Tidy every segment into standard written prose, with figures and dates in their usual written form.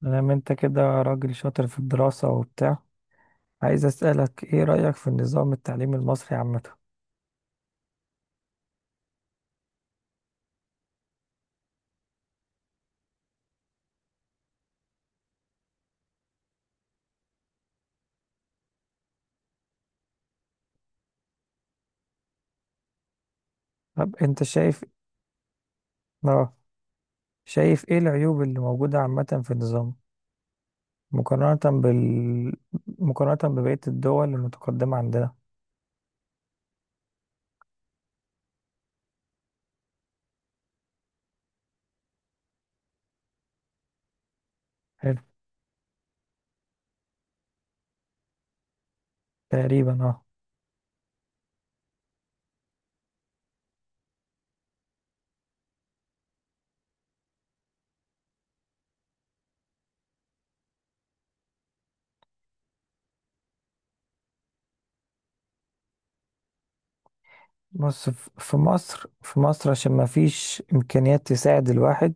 مادام انت كده راجل شاطر في الدراسة وبتاع، عايز اسألك ايه رأيك في النظام التعليمي المصري عامة؟ طب انت شايف. اه. شايف ايه العيوب اللي موجودة عامة في النظام، مقارنة بال مقارنة ببقية الدول المتقدمة عندنا؟ حلو. تقريبا، اه. بص. في مصر عشان ما فيش إمكانيات تساعد الواحد.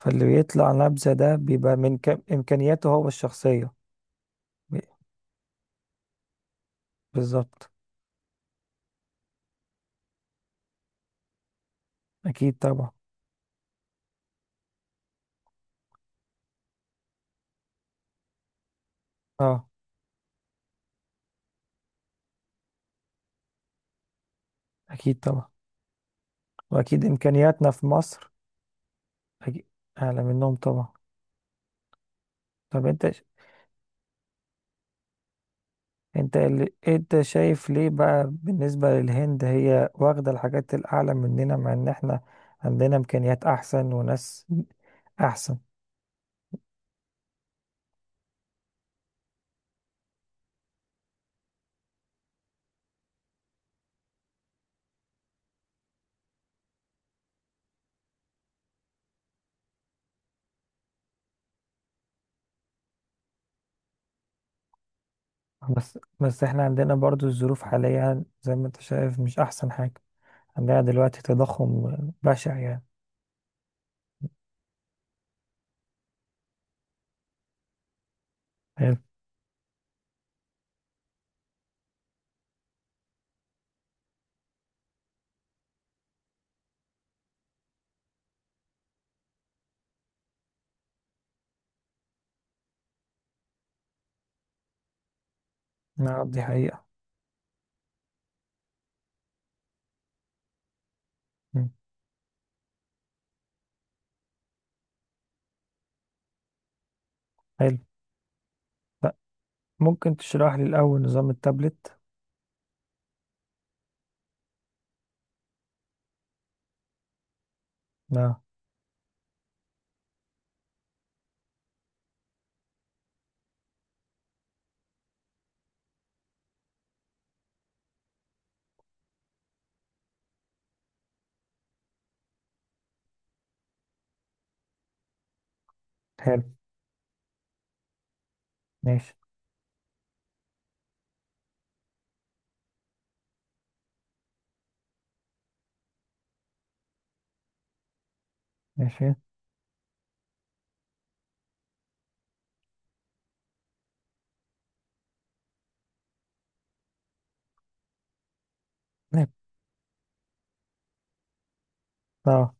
فاللي بيطلع نبذة ده بيبقى من إمكانياته هو الشخصية. ب- بالظبط. أكيد طبعا. اه. أكيد طبعا. وأكيد إمكانياتنا في مصر أكيد أعلى منهم طبعا. طب أنت شايف ليه بقى بالنسبة للهند هي واخدة الحاجات الأعلى مننا مع إن إحنا عندنا إمكانيات أحسن وناس أحسن. بس احنا عندنا برضو الظروف حاليا زي ما انت شايف مش احسن حاجة. عندنا دلوقتي تضخم بشع يعني. حلو. نعم، دي حقيقة. مم. حلو. لا. ممكن تشرح لي الأول نظام التابلت؟ اه. حلو. ماشي. ماشي. نعم. اه.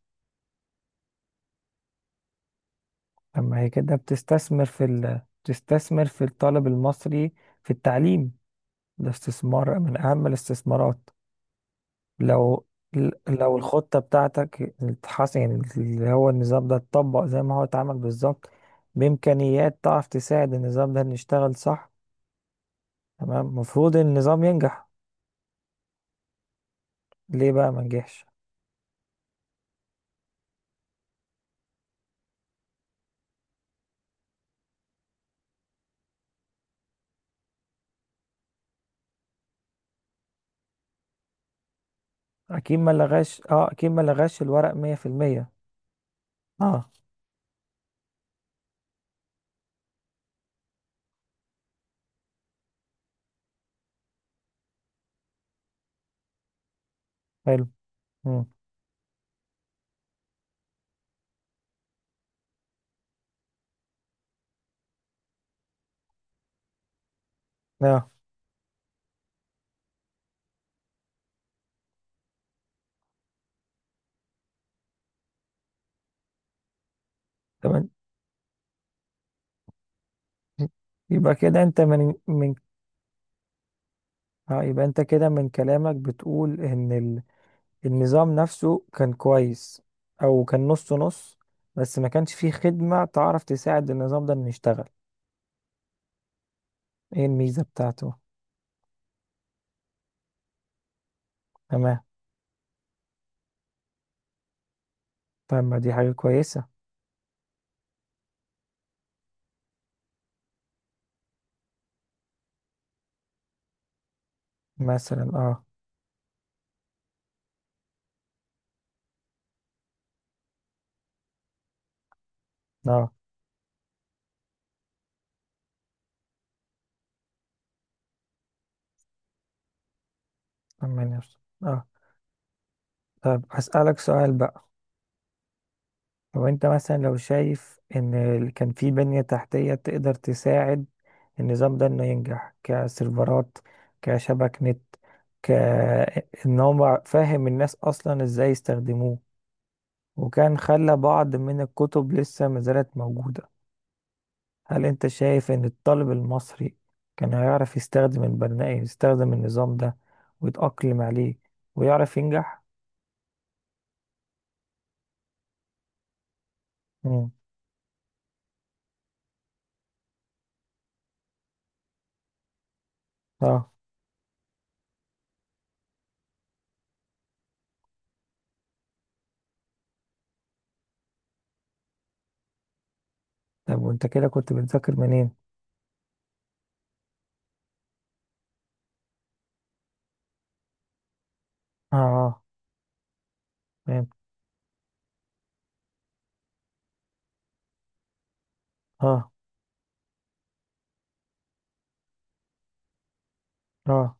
لما هي كده بتستثمر بتستثمر في الطالب المصري، في التعليم، ده استثمار من أهم الاستثمارات. لو لو الخطة بتاعتك اتحسن، يعني اللي هو النظام ده اتطبق زي ما هو اتعمل بالظبط، بإمكانيات تعرف تساعد النظام ده إن يشتغل صح، تمام، المفروض النظام ينجح. ليه بقى ما نجحش؟ أكيد ما لغاش، اه، أكيد ما لغاش الورق 100%. اه. حلو. مم. اه. تمام. يبقى كده انت من من اه يبقى انت كده من كلامك بتقول ان النظام نفسه كان كويس، او كان نص نص، بس ما كانش فيه خدمة تعرف تساعد النظام ده انه يشتغل. ايه الميزة بتاعته؟ تمام. طب ما دي حاجة كويسة. مثلا. اه. اه. تمام يا أستاذ. اه. طب هسألك سؤال بقى. لو انت مثلا لو شايف ان كان في بنية تحتية تقدر تساعد النظام ده انه ينجح، كسيرفرات، كشبك نت، كان هو فاهم الناس اصلا ازاي يستخدموه، وكان خلى بعض من الكتب لسه ما زالت موجودة، هل أنت شايف إن الطالب المصري كان هيعرف يستخدم البرنامج يستخدم النظام ده ويتأقلم عليه ويعرف ينجح؟ مم. اه. طب وأنت كده كنت بتذاكر منين؟ اه. اه. فهمت. اه. اه.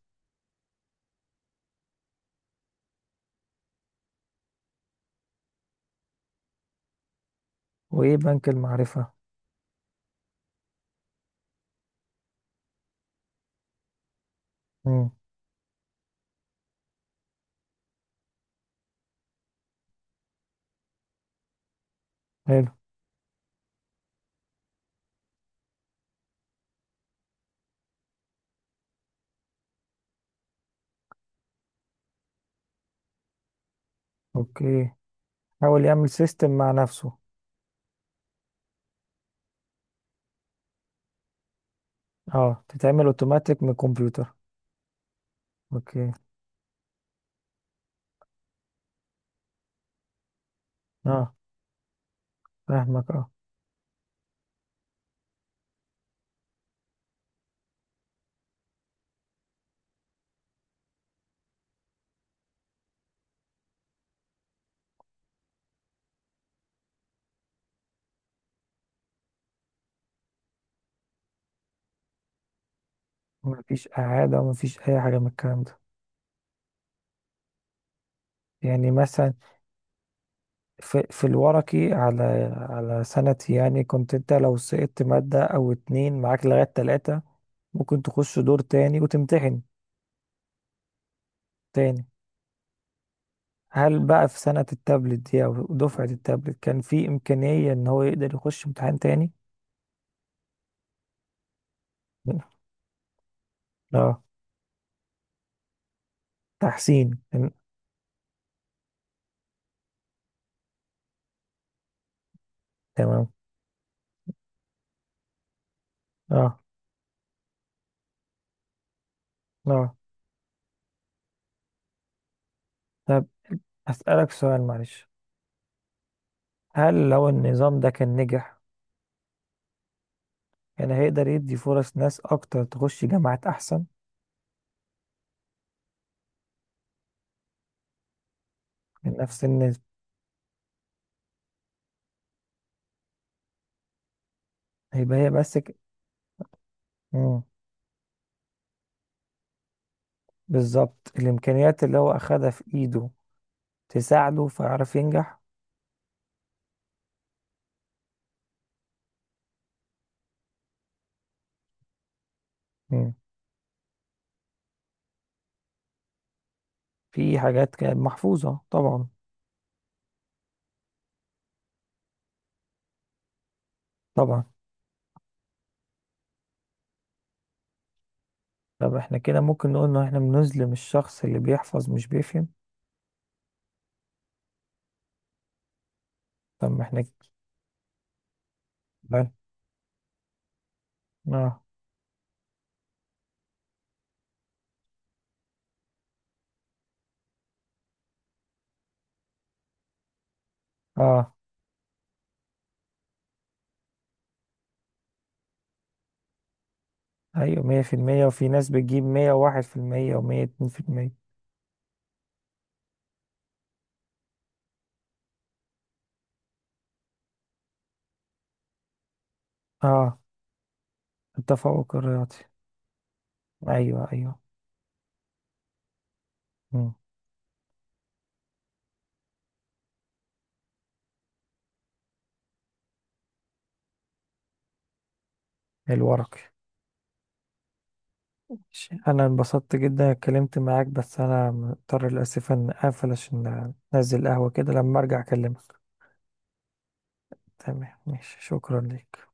وإيه بنك المعرفة؟ مم. حلو. أوكي. حاول يعمل سيستم مع نفسه. اه، تتعمل اوتوماتيك من الكمبيوتر. اوكي. اه. فاهمك. اه. مفيش إعادة ومفيش أي حاجة من الكلام ده؟ يعني مثلا في الورقي، على سنتي يعني كنت انت لو سقطت مادة او اتنين معاك لغاية تلاتة، ممكن تخش دور تاني وتمتحن تاني. هل بقى في سنة التابلت دي او دفعة التابلت كان في امكانية ان هو يقدر يخش امتحان تاني؟ اه. تحسين. تمام. اه. اه. طب اسألك سؤال معلش. هل لو النظام ده كان نجح كان هيقدر يدي فرص ناس اكتر تخش جامعات احسن؟ من نفس النسبة. هيبقى هي بس. مم. بالظبط، الإمكانيات اللي هو أخدها في إيده تساعده فيعرف ينجح. مم. في حاجات كانت محفوظة طبعا. طبعا. طب احنا كده ممكن نقول إن احنا بنظلم الشخص اللي بيحفظ مش بيفهم؟ طب ما احنا اه، اه، آه. أيوة، 100%، وفي ناس بتجيب 101% ومية اتنين في المية. اه. التفوق الرياضي. أيوة، أيوة. مم. الورقي. ماشي. انا انبسطت جدا اتكلمت معاك، بس انا مضطر للاسف ان اقفل عشان انزل قهوة كده، لما ارجع اكلمك. تمام. ماشي. شكرا ليك.